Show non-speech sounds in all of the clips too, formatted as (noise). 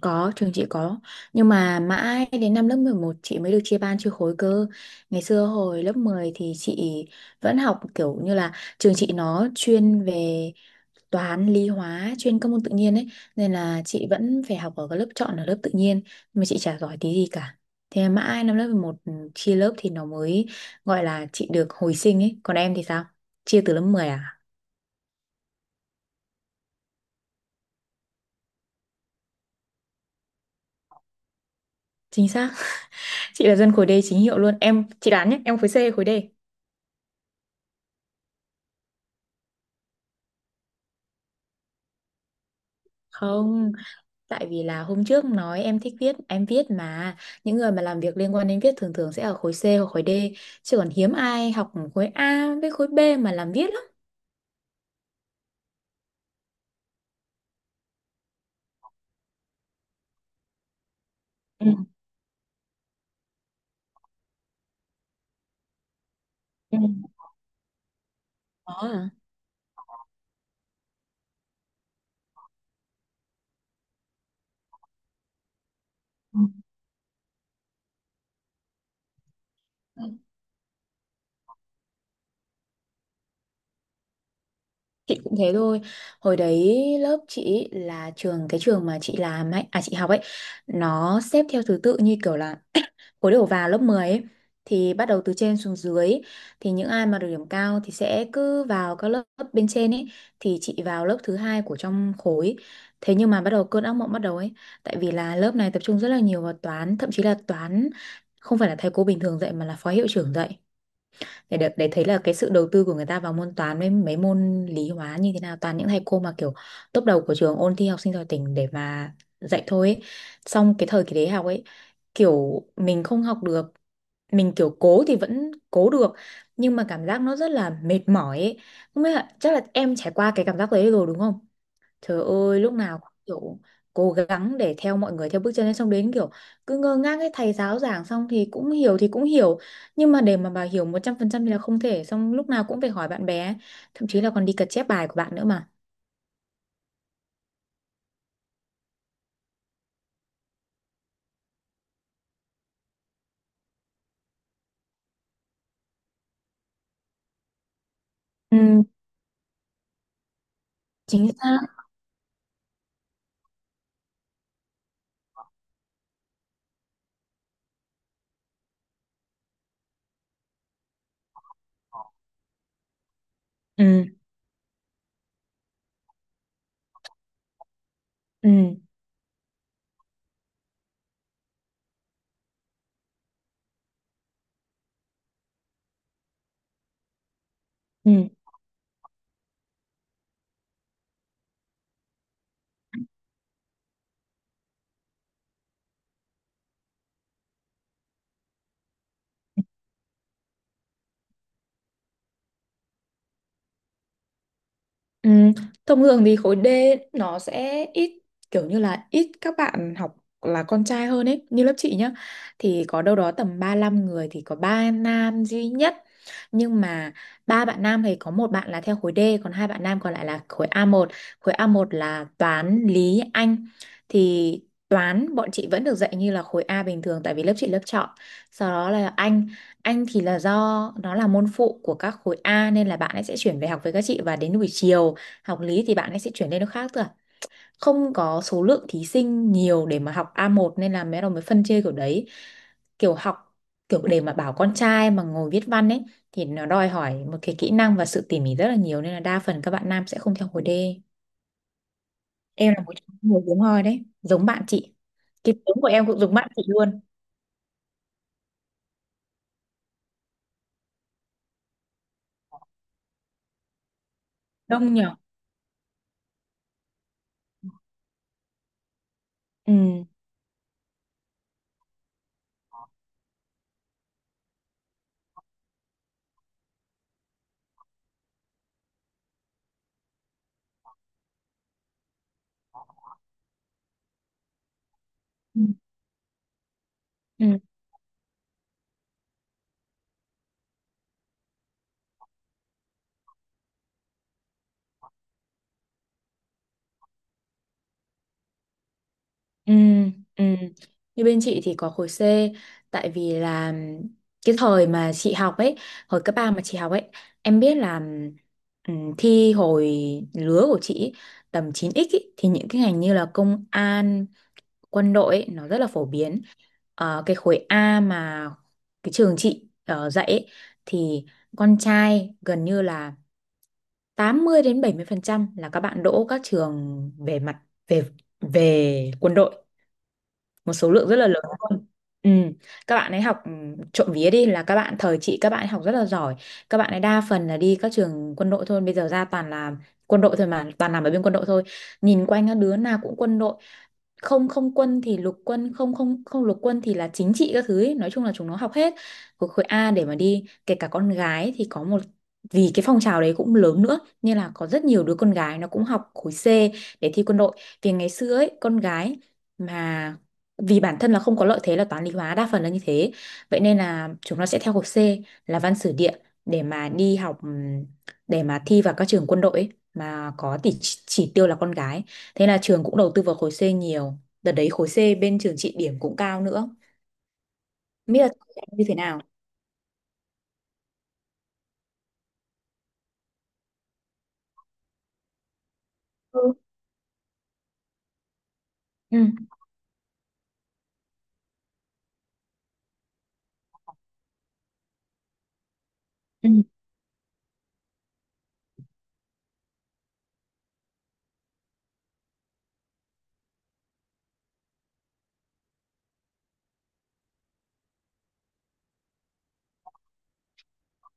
Có, trường chị có. Nhưng mà mãi đến năm lớp 11 chị mới được chia ban chia khối cơ. Ngày xưa hồi lớp 10 thì chị vẫn học kiểu như là trường chị nó chuyên về toán, lý hóa, chuyên các môn tự nhiên ấy. Nên là chị vẫn phải học ở cái lớp chọn ở lớp tự nhiên. Nhưng mà chị chả giỏi tí gì cả. Thế mà mãi năm lớp 11 chia lớp thì nó mới gọi là chị được hồi sinh ấy. Còn em thì sao? Chia từ lớp 10 à? Chính xác. (laughs) Chị là dân khối D chính hiệu luôn. Em, chị đoán nhé, em khối C hay khối D? Không. Tại vì là hôm trước nói em thích viết, em viết mà những người mà làm việc liên quan đến viết thường thường sẽ ở khối C hoặc khối D, chứ còn hiếm ai học khối A với khối B mà làm viết lắm. Ừ. Ừ. Đó à. Ừ. Chị cũng thế thôi. Hồi đấy lớp chị là trường cái trường mà chị làm ấy, à chị học ấy, nó xếp theo thứ tự như kiểu là khối đầu vào lớp 10 ấy, thì bắt đầu từ trên xuống dưới thì những ai mà được điểm cao thì sẽ cứ vào các lớp bên trên ấy, thì chị vào lớp thứ hai của trong khối. Thế nhưng mà bắt đầu cơn ác mộng bắt đầu ấy, tại vì là lớp này tập trung rất là nhiều vào toán, thậm chí là toán không phải là thầy cô bình thường dạy mà là phó hiệu trưởng dạy, để được để thấy là cái sự đầu tư của người ta vào môn toán với mấy môn lý hóa như thế nào, toàn những thầy cô mà kiểu top đầu của trường ôn thi học sinh giỏi tỉnh để mà dạy thôi ấy. Xong cái thời kỳ đấy học ấy, kiểu mình không học được, mình kiểu cố thì vẫn cố được nhưng mà cảm giác nó rất là mệt mỏi ấy. Không biết là, chắc là em trải qua cái cảm giác đấy rồi đúng không? Trời ơi lúc nào cũng kiểu cố gắng để theo mọi người theo bước chân ấy, xong đến kiểu cứ ngơ ngác ấy, thầy giáo giảng xong thì cũng hiểu nhưng mà để mà bà hiểu 100% thì là không thể, xong lúc nào cũng phải hỏi bạn bè ấy. Thậm chí là còn đi cật chép bài của bạn nữa mà. Ừ, chính xác. Ừ, ừ, ừ. Ừ, thông thường thì khối D nó sẽ ít, kiểu như là ít các bạn học là con trai hơn ấy, như lớp chị nhá thì có đâu đó tầm 35 người thì có ba nam duy nhất. Nhưng mà ba bạn nam thì có một bạn là theo khối D, còn hai bạn nam còn lại là khối A1. Khối a một là toán lý Anh, thì toán bọn chị vẫn được dạy như là khối A bình thường tại vì lớp chị lớp chọn, sau đó là Anh thì là do nó là môn phụ của các khối A nên là bạn ấy sẽ chuyển về học với các chị, và đến buổi chiều học lý thì bạn ấy sẽ chuyển lên, nó khác thôi à. Không có số lượng thí sinh nhiều để mà học A1 nên là mấy đồng mới phân chia kiểu đấy, kiểu học, kiểu để mà bảo con trai mà ngồi viết văn ấy thì nó đòi hỏi một cái kỹ năng và sự tỉ mỉ rất là nhiều, nên là đa phần các bạn nam sẽ không theo khối D. Em là một trong những người hiếm hoi đấy, giống bạn chị. Cái tiếng của em cũng giống bạn chị luôn. Đông nhở. Ừ. Ừ. Ừ. Ừ, ừ. Như bên chị thì có khối C, tại vì là cái thời mà chị học ấy, hồi cấp 3 mà chị học ấy, em biết là thi hồi lứa của chị ấy, tầm chín x ấy, thì những cái ngành như là công an, quân đội ấy, nó rất là phổ biến. Cái khối A mà cái trường chị dạy ấy, thì con trai gần như là 80 đến 70% là các bạn đỗ các trường về mặt về về quân đội, một số lượng rất là lớn luôn. Ừ. Các bạn ấy học trộm vía đi là các bạn thời chị các bạn ấy học rất là giỏi, các bạn ấy đa phần là đi các trường quân đội thôi, bây giờ ra toàn là quân đội thôi, mà toàn làm ở bên quân đội thôi, nhìn quanh các đứa nào cũng quân đội, không không quân thì lục quân, không không không lục quân thì là chính trị các thứ ấy. Nói chung là chúng nó học hết khối khối A để mà đi, kể cả con gái thì có một, vì cái phong trào đấy cũng lớn nữa nên là có rất nhiều đứa con gái nó cũng học khối C để thi quân đội, vì ngày xưa ấy con gái mà vì bản thân là không có lợi thế là toán lý hóa đa phần là như thế, vậy nên là chúng nó sẽ theo khối C là văn sử địa để mà đi học, để mà thi vào các trường quân đội ấy, mà có tỷ chỉ tiêu là con gái. Thế là trường cũng đầu tư vào khối C nhiều. Đợt đấy khối C bên trường chị điểm cũng cao nữa. Không biết là như thế nào? Ừ. Ừ. Ừ.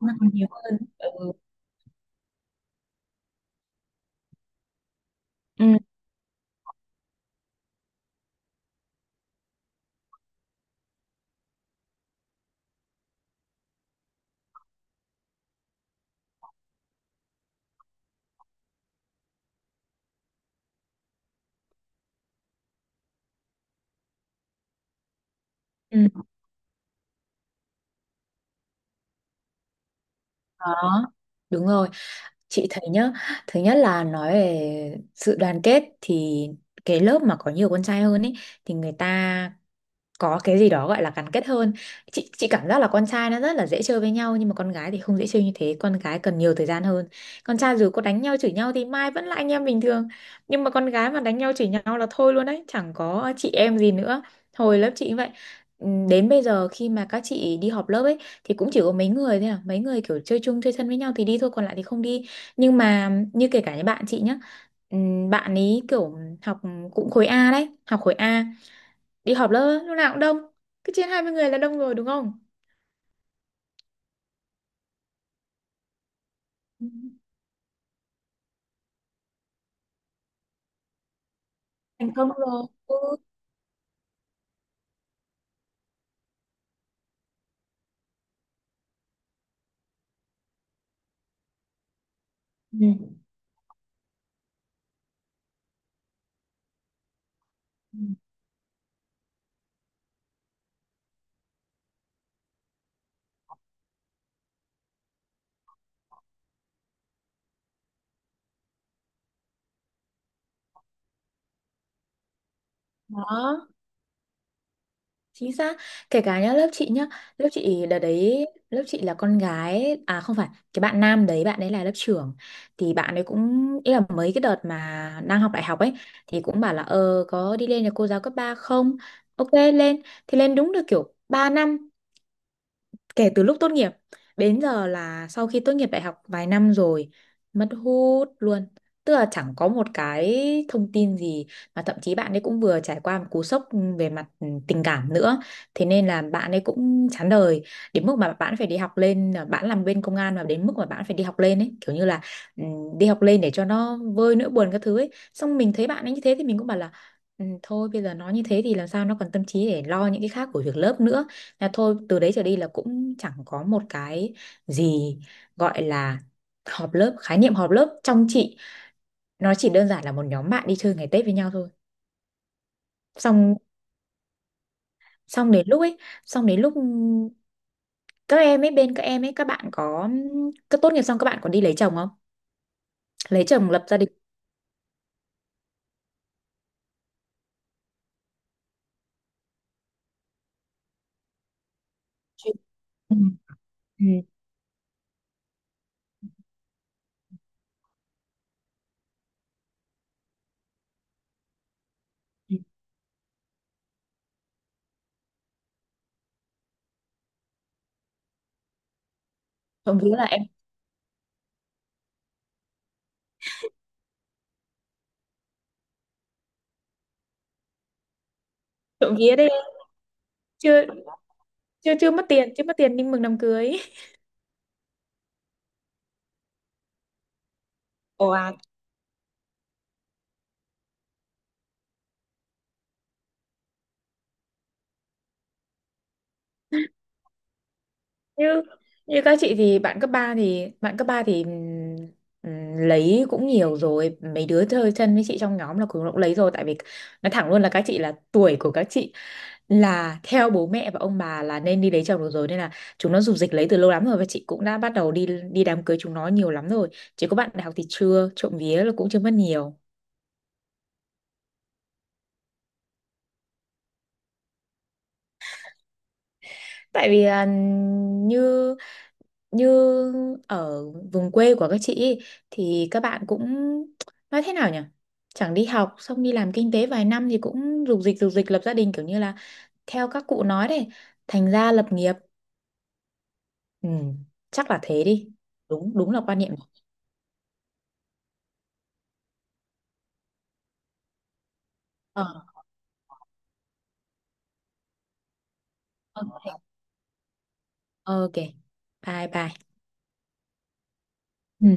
Nó còn nhiều hơn. Ừ. Ừ. Ừ. Đó. Đúng rồi. Chị thấy nhá, thứ nhất là nói về sự đoàn kết thì cái lớp mà có nhiều con trai hơn ấy thì người ta có cái gì đó gọi là gắn kết hơn. Chị cảm giác là con trai nó rất là dễ chơi với nhau, nhưng mà con gái thì không dễ chơi như thế, con gái cần nhiều thời gian hơn. Con trai dù có đánh nhau chửi nhau thì mai vẫn là anh em bình thường, nhưng mà con gái mà đánh nhau chửi nhau là thôi luôn đấy, chẳng có chị em gì nữa. Hồi lớp chị cũng vậy. Đến bây giờ khi mà các chị đi họp lớp ấy, thì cũng chỉ có mấy người thôi à, mấy người kiểu chơi chung chơi thân với nhau thì đi thôi, còn lại thì không đi. Nhưng mà như kể cả những bạn chị nhá, bạn ấy kiểu học cũng khối A đấy, học khối A, đi họp lớp á, lúc nào cũng đông, cứ trên 20 người là đông rồi đúng không. Ừ, thành công rồi ừ. Ừ. Ừ. Đó, chính xác. Kể cả nhá lớp chị nhá, lớp chị đợt đấy lớp chị là con gái à không phải cái bạn nam đấy bạn ấy là lớp trưởng, thì bạn ấy cũng, ý là mấy cái đợt mà đang học đại học ấy, thì cũng bảo là ờ có đi lên nhà cô giáo cấp 3 không, ok lên, thì lên đúng được kiểu 3 năm. Kể từ lúc tốt nghiệp đến giờ là sau khi tốt nghiệp đại học vài năm rồi, mất hút luôn, tức là chẳng có một cái thông tin gì. Mà thậm chí bạn ấy cũng vừa trải qua một cú sốc về mặt tình cảm nữa, thế nên là bạn ấy cũng chán đời đến mức mà bạn phải đi học lên, à, bạn làm bên công an mà đến mức mà bạn phải đi học lên ấy, kiểu như là đi học lên để cho nó vơi nỗi buồn các thứ ấy, xong mình thấy bạn ấy như thế thì mình cũng bảo là "Ừ, thôi bây giờ nó như thế thì làm sao nó còn tâm trí để lo những cái khác của việc lớp nữa, là thôi từ đấy trở đi là cũng chẳng có một cái gì gọi là họp lớp, khái niệm họp lớp trong chị nó chỉ đơn giản là một nhóm bạn đi chơi ngày Tết với nhau thôi. Xong xong đến lúc ấy, xong đến lúc các em ấy bên các em ấy các bạn có cứ tốt nghiệp xong các bạn còn đi lấy chồng không? Lấy chồng lập gia đình. Chị- Ừ. Ừ. Ừ. Trộm vía là em, trộm vía đấy, chưa chưa chưa mất tiền, chưa mất tiền nhưng mừng đám cưới. Ồ, như như các chị thì bạn cấp 3 thì lấy cũng nhiều rồi, mấy đứa chơi thân với chị trong nhóm là cũng cũng lấy rồi, tại vì nói thẳng luôn là các chị là tuổi của các chị là theo bố mẹ và ông bà là nên đi lấy chồng được rồi, nên là chúng nó rục rịch lấy từ lâu lắm rồi, và chị cũng đã bắt đầu đi đi đám cưới chúng nó nhiều lắm rồi. Chỉ có bạn đại học thì chưa, trộm vía là cũng chưa mất nhiều. Tại vì là như như ở vùng quê của các chị ý, thì các bạn cũng nói thế nào nhỉ, chẳng đi học xong đi làm kinh tế vài năm thì cũng rục dịch lập gia đình, kiểu như là theo các cụ nói đấy, thành gia lập nghiệp. Ừ, chắc là thế đi. Đúng đúng là quan niệm. Ờ, ok. Ok. Bye bye. Ừ.